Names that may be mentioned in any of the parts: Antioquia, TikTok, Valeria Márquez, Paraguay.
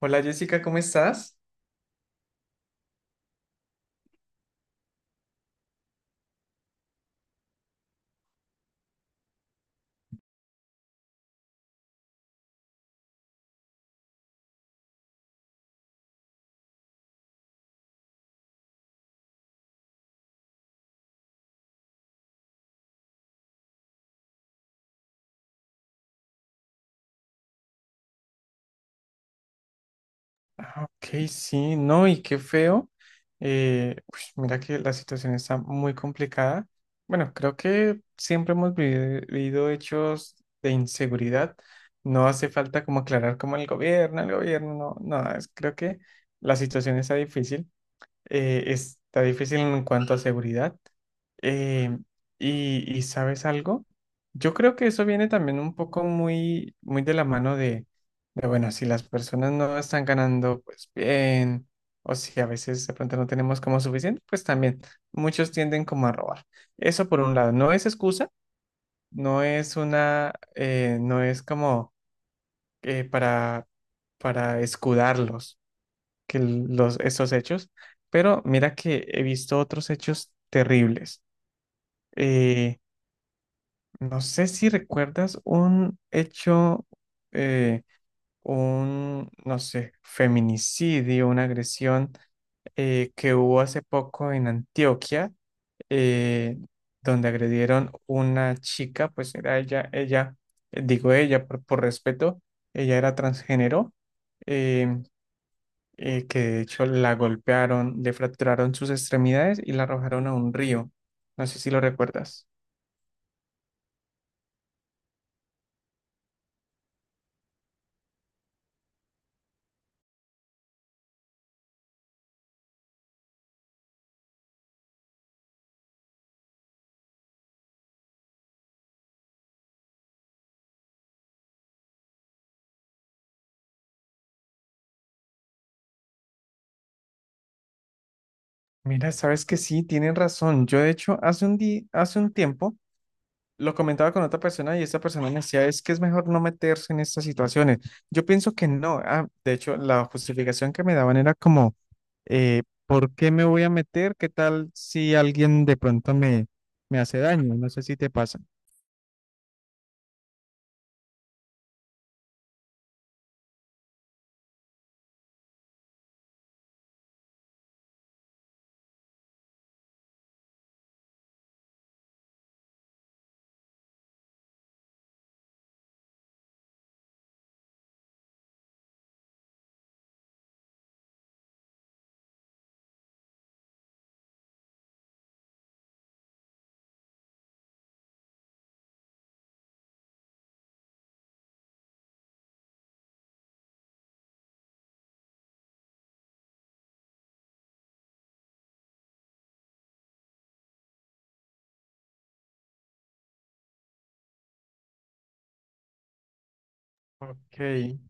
Hola Jessica, ¿cómo estás? Ah, ok, sí, no, y qué feo. Uy, mira que la situación está muy complicada. Bueno, creo que siempre hemos vivido hechos de inseguridad. No hace falta como aclarar como el gobierno, no, no, creo que la situación está difícil. Está difícil en cuanto a seguridad. Eh, y ¿sabes algo? Yo creo que eso viene también un poco muy, muy de la mano de, bueno, si las personas no están ganando, pues bien, o si a veces de pronto no tenemos como suficiente, pues también muchos tienden como a robar. Eso por un lado, no es excusa, no es una, no es como eh, para, para escudarlos que estos hechos, pero mira que he visto otros hechos terribles. Eh, no sé si recuerdas un hecho, eh, un, no sé, feminicidio, una agresión que hubo hace poco en Antioquia, eh, donde agredieron una chica, pues era ella, digo ella por respeto, ella era transgénero. eh, que de hecho la golpearon, le fracturaron sus extremidades y la arrojaron a un río. No sé si lo recuerdas. Mira, sabes que sí, tienen razón. Yo de hecho hace un tiempo lo comentaba con otra persona y esta persona me decía, es que es mejor no meterse en estas situaciones. Yo pienso que no. Ah, de hecho, la justificación que me daban era como, ¿por qué me voy a meter? ¿Qué tal si alguien de pronto me hace daño? No sé si te pasa. Ok.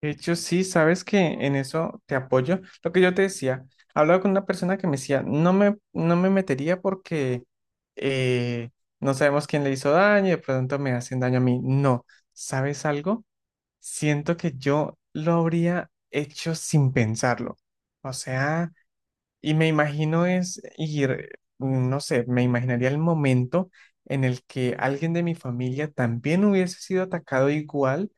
De hecho, sí, sabes que en eso te apoyo. Lo que yo te decía, hablaba con una persona que me decía, no me metería porque eh, no sabemos quién le hizo daño y de pronto me hacen daño a mí. No, ¿sabes algo? Siento que yo lo habría hecho sin pensarlo. O sea... Y me imagino es ir, no sé, me imaginaría el momento en el que alguien de mi familia también hubiese sido atacado igual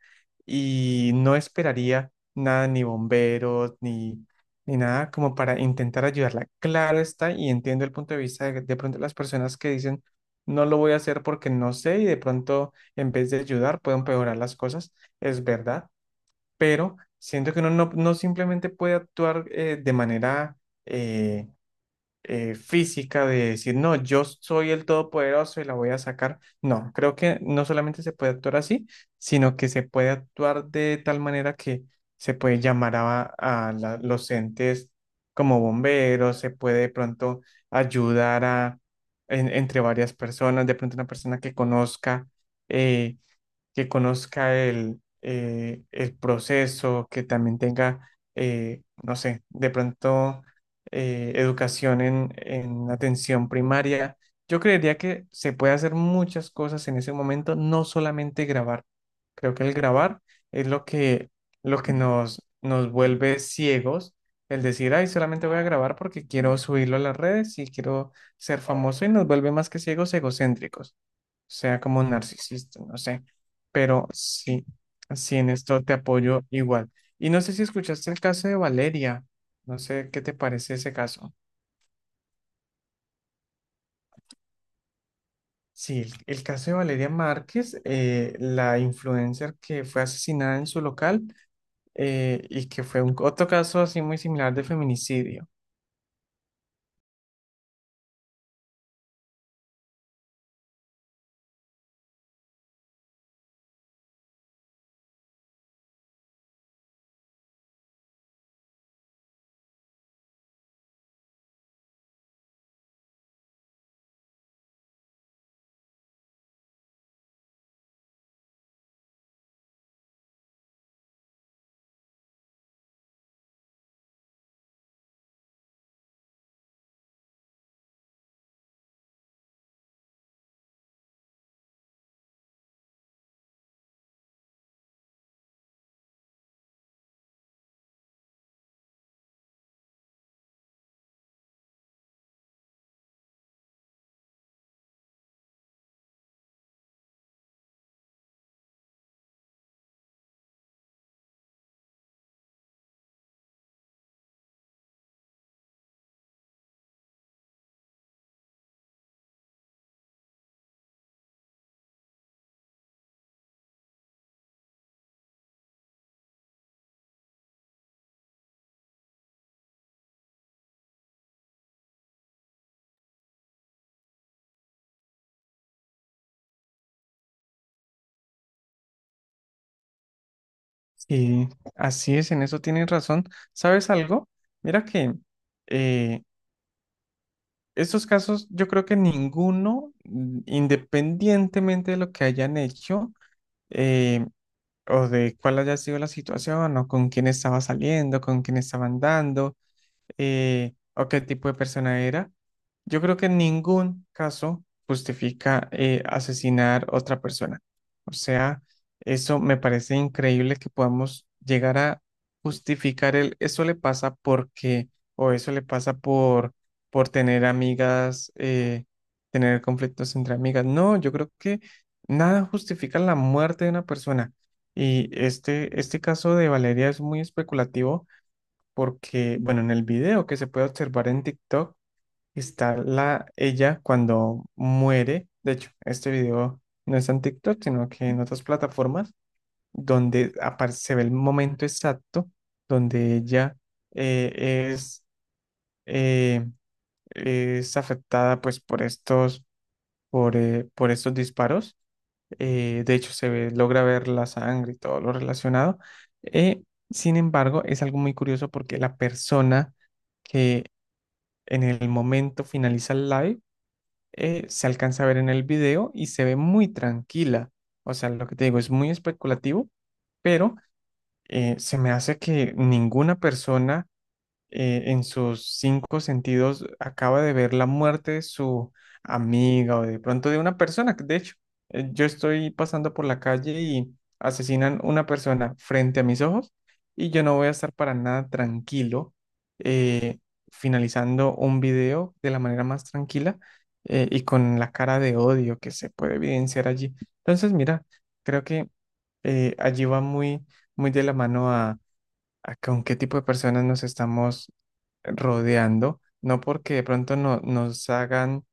y no esperaría nada, ni bomberos, ni nada como para intentar ayudarla. Claro está, y entiendo el punto de vista de pronto las personas que dicen, no lo voy a hacer porque no sé y de pronto en vez de ayudar pueden empeorar las cosas. Es verdad, pero siento que uno no simplemente puede actuar de manera... eh, física de decir, no, yo soy el todopoderoso y la voy a sacar. No, creo que no solamente se puede actuar así, sino que se puede actuar de tal manera que se puede llamar a los entes como bomberos, se puede de pronto ayudar a, entre varias personas, de pronto una persona que conozca. eh, que conozca el proceso, que también tenga, no sé, de pronto educación en atención primaria. Yo creería que se puede hacer muchas cosas en ese momento, no solamente grabar. Creo que el grabar es lo lo que nos vuelve ciegos. El decir, ay, solamente voy a grabar porque quiero subirlo a las redes y quiero ser famoso y nos vuelve más que ciegos, egocéntricos sea como narcisista, no sé, pero sí, sí, en esto te apoyo igual. Y no sé si escuchaste el caso de Valeria, no sé qué te parece ese caso. Sí, el caso de Valeria Márquez, la influencer que fue asesinada en su local y que fue un, otro caso así muy similar de feminicidio. Sí, así es, en eso tienes razón. ¿Sabes algo? Mira que eh, estos casos, yo creo que ninguno, independientemente de lo que hayan hecho, eh, o de cuál haya sido la situación, o con quién estaba saliendo, con quién estaba andando, o qué tipo de persona era. Yo creo que en ningún caso justifica asesinar otra persona. O sea, eso me parece increíble que podamos llegar a justificar el eso le pasa porque o eso le pasa por tener amigas, tener conflictos entre amigas. No, yo creo que nada justifica la muerte de una persona. Y este caso de Valeria es muy especulativo porque, bueno, en el video que se puede observar en TikTok está la ella cuando muere. De hecho, este video no está en TikTok, sino que en otras plataformas donde se ve el momento exacto donde ella eh, es, eh, es afectada pues por estos, por estos disparos. De hecho, logra ver la sangre y todo lo relacionado. Eh, Sin embargo, es algo muy curioso porque la persona que en el momento finaliza el live, se alcanza a ver en el video y se ve muy tranquila. O sea, lo que te digo es muy especulativo, pero se me hace que ninguna persona en sus cinco sentidos acaba de ver la muerte de su amiga o de pronto de una persona. De hecho, yo estoy pasando por la calle y asesinan una persona frente a mis ojos y yo no voy a estar para nada tranquilo eh, finalizando un video de la manera más tranquila y con la cara de odio que se puede evidenciar allí. Entonces, mira, creo que allí va muy, muy de la mano a con qué tipo de personas nos estamos rodeando, no porque de pronto no,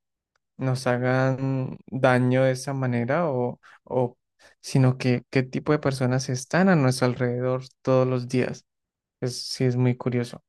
nos hagan daño de esa manera, o, sino que qué tipo de personas están a nuestro alrededor todos los días. Es, sí, es muy curioso.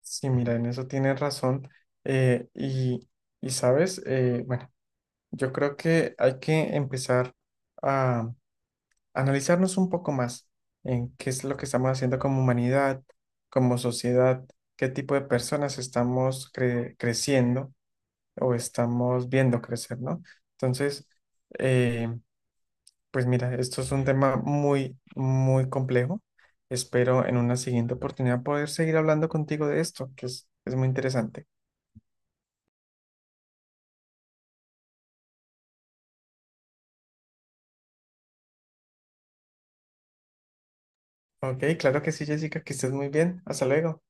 Sí, mira, en eso tienes razón. Eh, y, y sabes, bueno, yo creo que hay que empezar a analizarnos un poco más en qué es lo que estamos haciendo como humanidad, como sociedad, qué tipo de personas creciendo o estamos viendo crecer, ¿no? Entonces, eh, pues mira, esto es un tema muy, muy complejo. Espero en una siguiente oportunidad poder seguir hablando contigo de esto, que es muy interesante. Ok, claro que sí, Jessica, que estés muy bien. Hasta luego.